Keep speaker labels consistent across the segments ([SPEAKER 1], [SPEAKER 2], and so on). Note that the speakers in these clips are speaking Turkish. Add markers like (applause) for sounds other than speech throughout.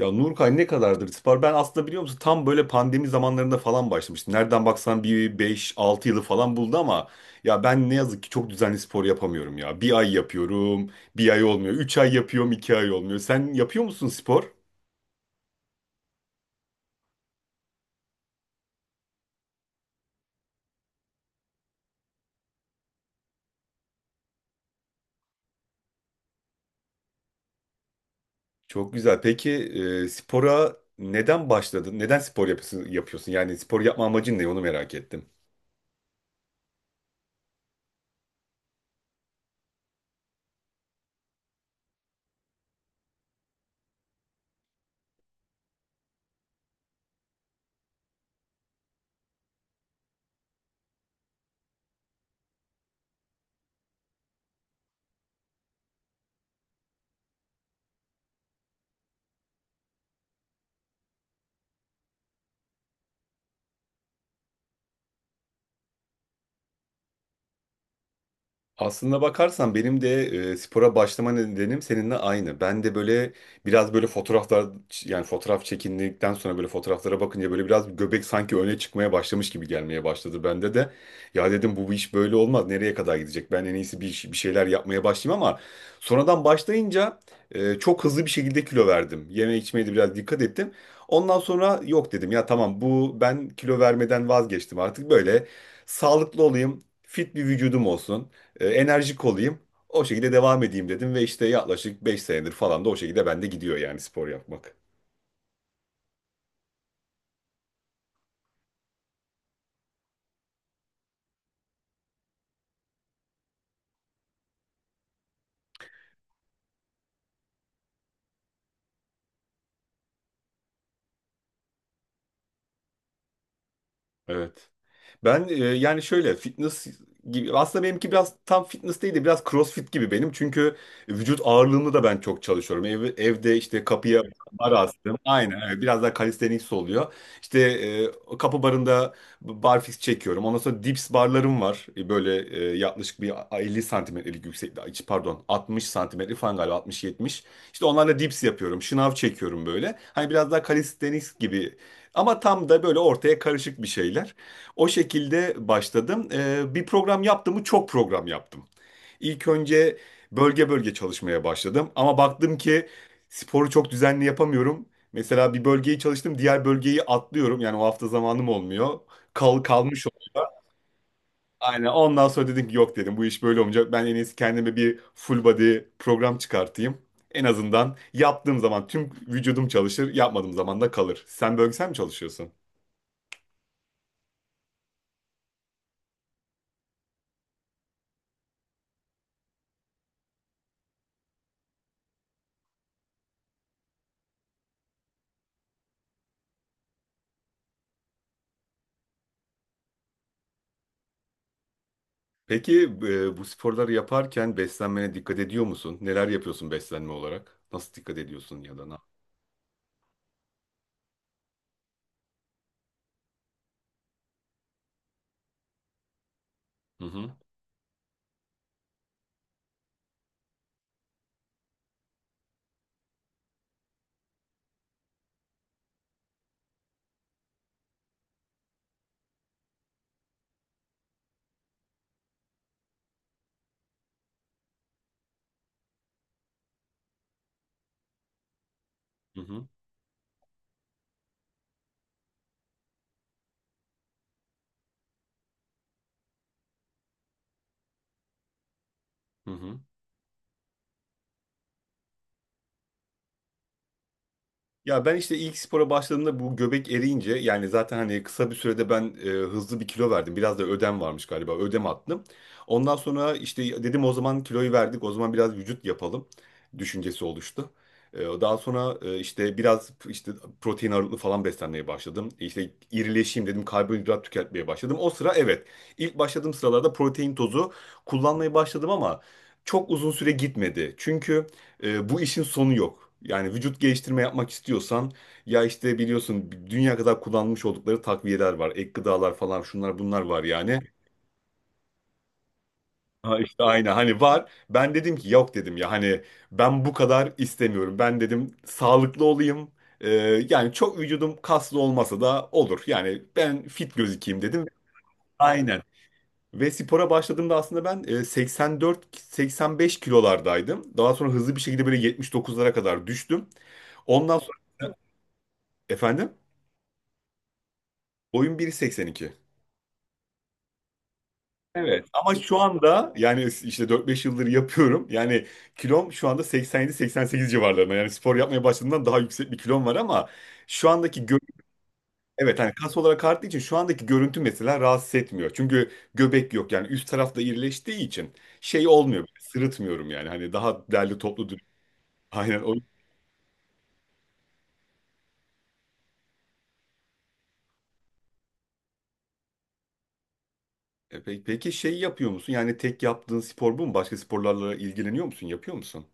[SPEAKER 1] Ya Nurkay ne kadardır Spar? Ben aslında biliyor musun tam böyle pandemi zamanlarında falan başlamıştım. Nereden baksan bir beş altı yılı falan buldu ama ya ben ne yazık ki çok düzenli spor yapamıyorum ya. Bir ay yapıyorum, bir ay olmuyor. Üç ay yapıyorum, 2 ay olmuyor. Sen yapıyor musun spor? Çok güzel. Peki spora neden başladın? Neden spor yapıyorsun? Yani spor yapma amacın ne? Onu merak ettim. Aslında bakarsan benim de spora başlama nedenim seninle aynı. Ben de böyle biraz böyle fotoğraflar yani fotoğraf çekindikten sonra böyle fotoğraflara bakınca böyle biraz göbek sanki öne çıkmaya başlamış gibi gelmeye başladı bende de. Ya dedim bu iş böyle olmaz, nereye kadar gidecek? Ben en iyisi bir, bir şeyler yapmaya başlayayım ama sonradan başlayınca çok hızlı bir şekilde kilo verdim. Yeme içmeye de biraz dikkat ettim. Ondan sonra yok dedim ya, tamam bu ben kilo vermeden vazgeçtim, artık böyle sağlıklı olayım. Fit bir vücudum olsun, enerjik olayım. O şekilde devam edeyim dedim ve işte yaklaşık 5 senedir falan da o şekilde bende gidiyor yani spor yapmak. Evet. Ben yani şöyle fitness gibi, aslında benimki biraz tam fitness değil de biraz crossfit gibi benim. Çünkü vücut ağırlığımı da ben çok çalışıyorum. Evde işte kapıya bar astım. Aynen evet. Biraz daha calisthenics oluyor. İşte kapı barında barfiks çekiyorum. Ondan sonra dips barlarım var. Böyle yaklaşık bir 50 santimetrelik yükseklik. Pardon 60 santimetre falan galiba, altmış yetmiş. İşte onlarla dips yapıyorum. Şınav çekiyorum böyle. Hani biraz daha calisthenics gibi. Ama tam da böyle ortaya karışık bir şeyler. O şekilde başladım. Bir program yaptım mı çok program yaptım. İlk önce bölge bölge çalışmaya başladım. Ama baktım ki sporu çok düzenli yapamıyorum. Mesela bir bölgeyi çalıştım, diğer bölgeyi atlıyorum. Yani o hafta zamanım olmuyor. Kalmış oluyor. Aynen. Ondan sonra dedim ki yok dedim, bu iş böyle olmayacak. Ben en iyisi kendime bir full body program çıkartayım. En azından yaptığım zaman tüm vücudum çalışır, yapmadığım zaman da kalır. Sen bölgesel mi çalışıyorsun? Peki bu sporları yaparken beslenmene dikkat ediyor musun? Neler yapıyorsun beslenme olarak? Nasıl dikkat ediyorsun ya da ne? Hı hı. Hı hı. Hı hı. Ya ben işte ilk spora başladığımda bu göbek eriyince yani zaten hani kısa bir sürede ben hızlı bir kilo verdim. Biraz da ödem varmış galiba. Ödem attım. Ondan sonra işte dedim o zaman kiloyu verdik. O zaman biraz vücut yapalım düşüncesi oluştu. Daha sonra işte biraz işte protein ağırlıklı falan beslenmeye başladım. E, İşte irileşeyim dedim, karbonhidrat tüketmeye başladım. O sıra evet, ilk başladığım sıralarda protein tozu kullanmaya başladım ama çok uzun süre gitmedi. Çünkü bu işin sonu yok. Yani vücut geliştirme yapmak istiyorsan ya işte biliyorsun dünya kadar kullanmış oldukları takviyeler var. Ek gıdalar falan, şunlar bunlar var yani. (laughs) Ha işte aynı hani var. Ben dedim ki yok dedim ya hani ben bu kadar istemiyorum. Ben dedim sağlıklı olayım. E, Yani çok vücudum kaslı olmasa da olur. Yani ben fit gözükeyim dedim. Aynen. Ve spora başladığımda aslında ben 84-85 kilolardaydım. Daha sonra hızlı bir şekilde böyle 79'lara kadar düştüm. Ondan sonra (laughs) efendim boyum 1.82. Evet ama şu anda yani işte 4-5 yıldır yapıyorum. Yani kilom şu anda 87-88 civarlarında. Yani spor yapmaya başladığımdan daha yüksek bir kilom var ama şu andaki gö evet hani kas olarak arttığı için şu andaki görüntü mesela rahatsız etmiyor. Çünkü göbek yok, yani üst tarafta irileştiği için şey olmuyor. Sırıtmıyorum yani, hani daha derli toplu. Aynen. Peki şey yapıyor musun? Yani tek yaptığın spor bu mu? Başka sporlarla ilgileniyor musun? Yapıyor musun?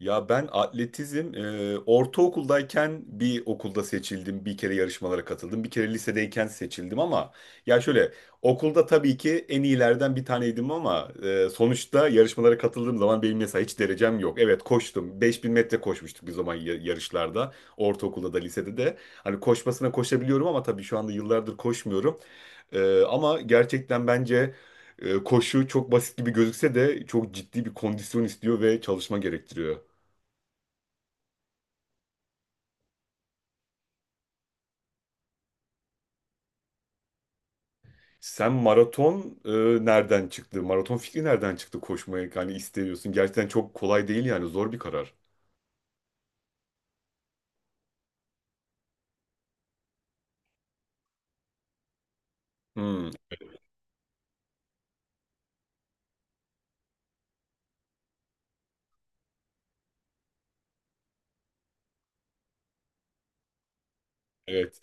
[SPEAKER 1] Ya ben atletizm ortaokuldayken bir okulda seçildim. Bir kere yarışmalara katıldım. Bir kere lisedeyken seçildim ama ya şöyle okulda tabii ki en iyilerden bir taneydim ama sonuçta yarışmalara katıldığım zaman benim mesela hiç derecem yok. Evet koştum. 5.000 metre koşmuştuk bir zaman yarışlarda. Ortaokulda da lisede de. Hani koşmasına koşabiliyorum ama tabii şu anda yıllardır koşmuyorum. Ama gerçekten bence koşu çok basit gibi gözükse de çok ciddi bir kondisyon istiyor ve çalışma gerektiriyor. Sen maraton nereden çıktı? Maraton fikri nereden çıktı koşmaya? Yani istiyorsun. Gerçekten çok kolay değil, yani zor bir karar. Hmm, evet.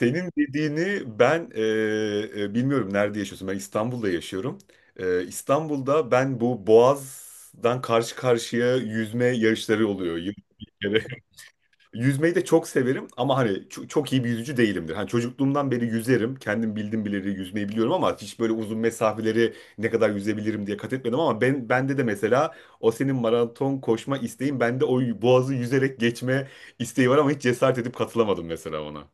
[SPEAKER 1] Senin dediğini ben bilmiyorum nerede yaşıyorsun. Ben İstanbul'da yaşıyorum. E, İstanbul'da ben bu Boğaz'dan karşı karşıya yüzme yarışları oluyor. Yılda bir kere. Yüzmeyi de çok severim ama hani çok iyi bir yüzücü değilimdir. Hani çocukluğumdan beri yüzerim. Kendim bildim bileli yüzmeyi biliyorum ama hiç böyle uzun mesafeleri ne kadar yüzebilirim diye kat etmedim ama bende de mesela o senin maraton koşma isteğin, bende o boğazı yüzerek geçme isteği var ama hiç cesaret edip katılamadım mesela ona.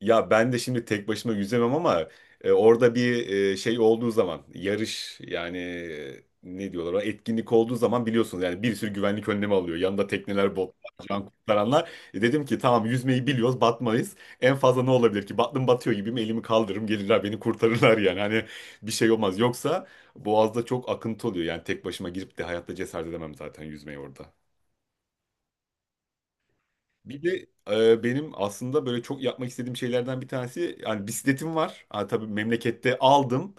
[SPEAKER 1] Ya ben de şimdi tek başıma yüzemem ama orada bir şey olduğu zaman, yarış yani, ne diyorlar ona, etkinlik olduğu zaman biliyorsunuz yani bir sürü güvenlik önlemi alıyor. Yanında tekneler, botlar, can kurtaranlar. E, dedim ki tamam yüzmeyi biliyoruz batmayız. En fazla ne olabilir ki? Battım, batıyor gibiyim, elimi kaldırırım, gelirler beni kurtarırlar (laughs) yani. Hani bir şey olmaz. Yoksa boğazda çok akıntı oluyor, yani tek başıma girip de hayatta cesaret edemem zaten yüzmeyi orada. Bir de benim aslında böyle çok yapmak istediğim şeylerden bir tanesi, yani bisikletim var. Ha, tabii memlekette aldım.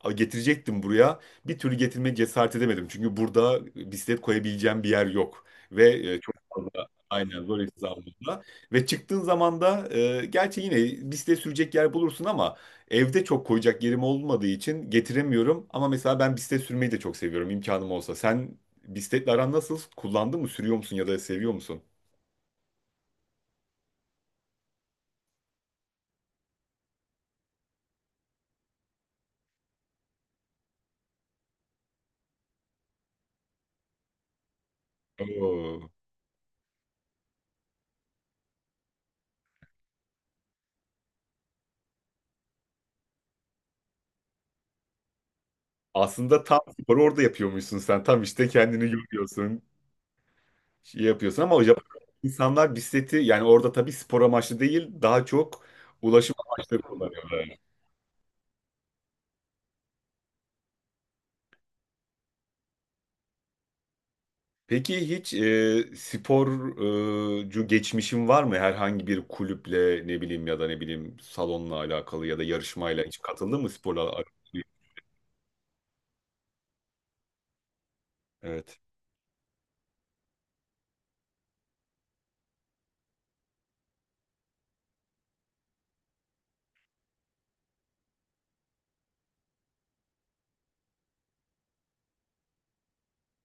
[SPEAKER 1] A, getirecektim buraya. Bir türlü getirmeye cesaret edemedim. Çünkü burada bisiklet koyabileceğim bir yer yok. Ve çok fazla, aynen, zor hesabında. Ve çıktığın zaman da gerçi yine bisiklet sürecek yer bulursun ama evde çok koyacak yerim olmadığı için getiremiyorum. Ama mesela ben bisiklet sürmeyi de çok seviyorum imkanım olsa. Sen bisikletle aran nasıl? Kullandın mı? Sürüyor musun ya da seviyor musun? Oo. Aslında tam sporu orada yapıyormuşsun sen. Tam işte kendini yoruyorsun, şey yapıyorsun ama Japon insanlar bisikleti yani orada tabii spor amaçlı değil, daha çok ulaşım amaçlı kullanıyorlar. Peki hiç sporcu geçmişin var mı? Herhangi bir kulüple, ne bileyim, ya da ne bileyim salonla alakalı ya da yarışmayla hiç katıldın mı sporla alakalı? Evet.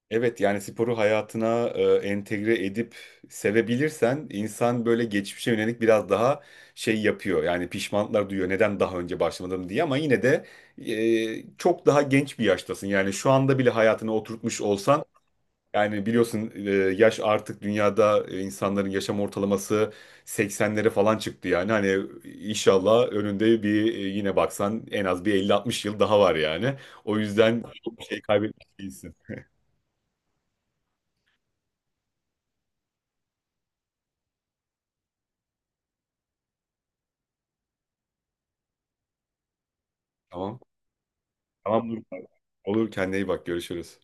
[SPEAKER 1] Evet yani sporu hayatına entegre edip sevebilirsen insan böyle geçmişe yönelik biraz daha şey yapıyor. Yani pişmanlıklar duyuyor, neden daha önce başlamadım diye, ama yine de çok daha genç bir yaştasın. Yani şu anda bile hayatına oturtmuş olsan yani biliyorsun yaş artık dünyada insanların yaşam ortalaması 80'lere falan çıktı yani. Hani inşallah önünde bir yine baksan en az bir elli 60 yıl daha var yani. O yüzden çok şey kaybetmiş değilsin. Tamam. Tamam Nurcan. Olur, kendine iyi bak, görüşürüz.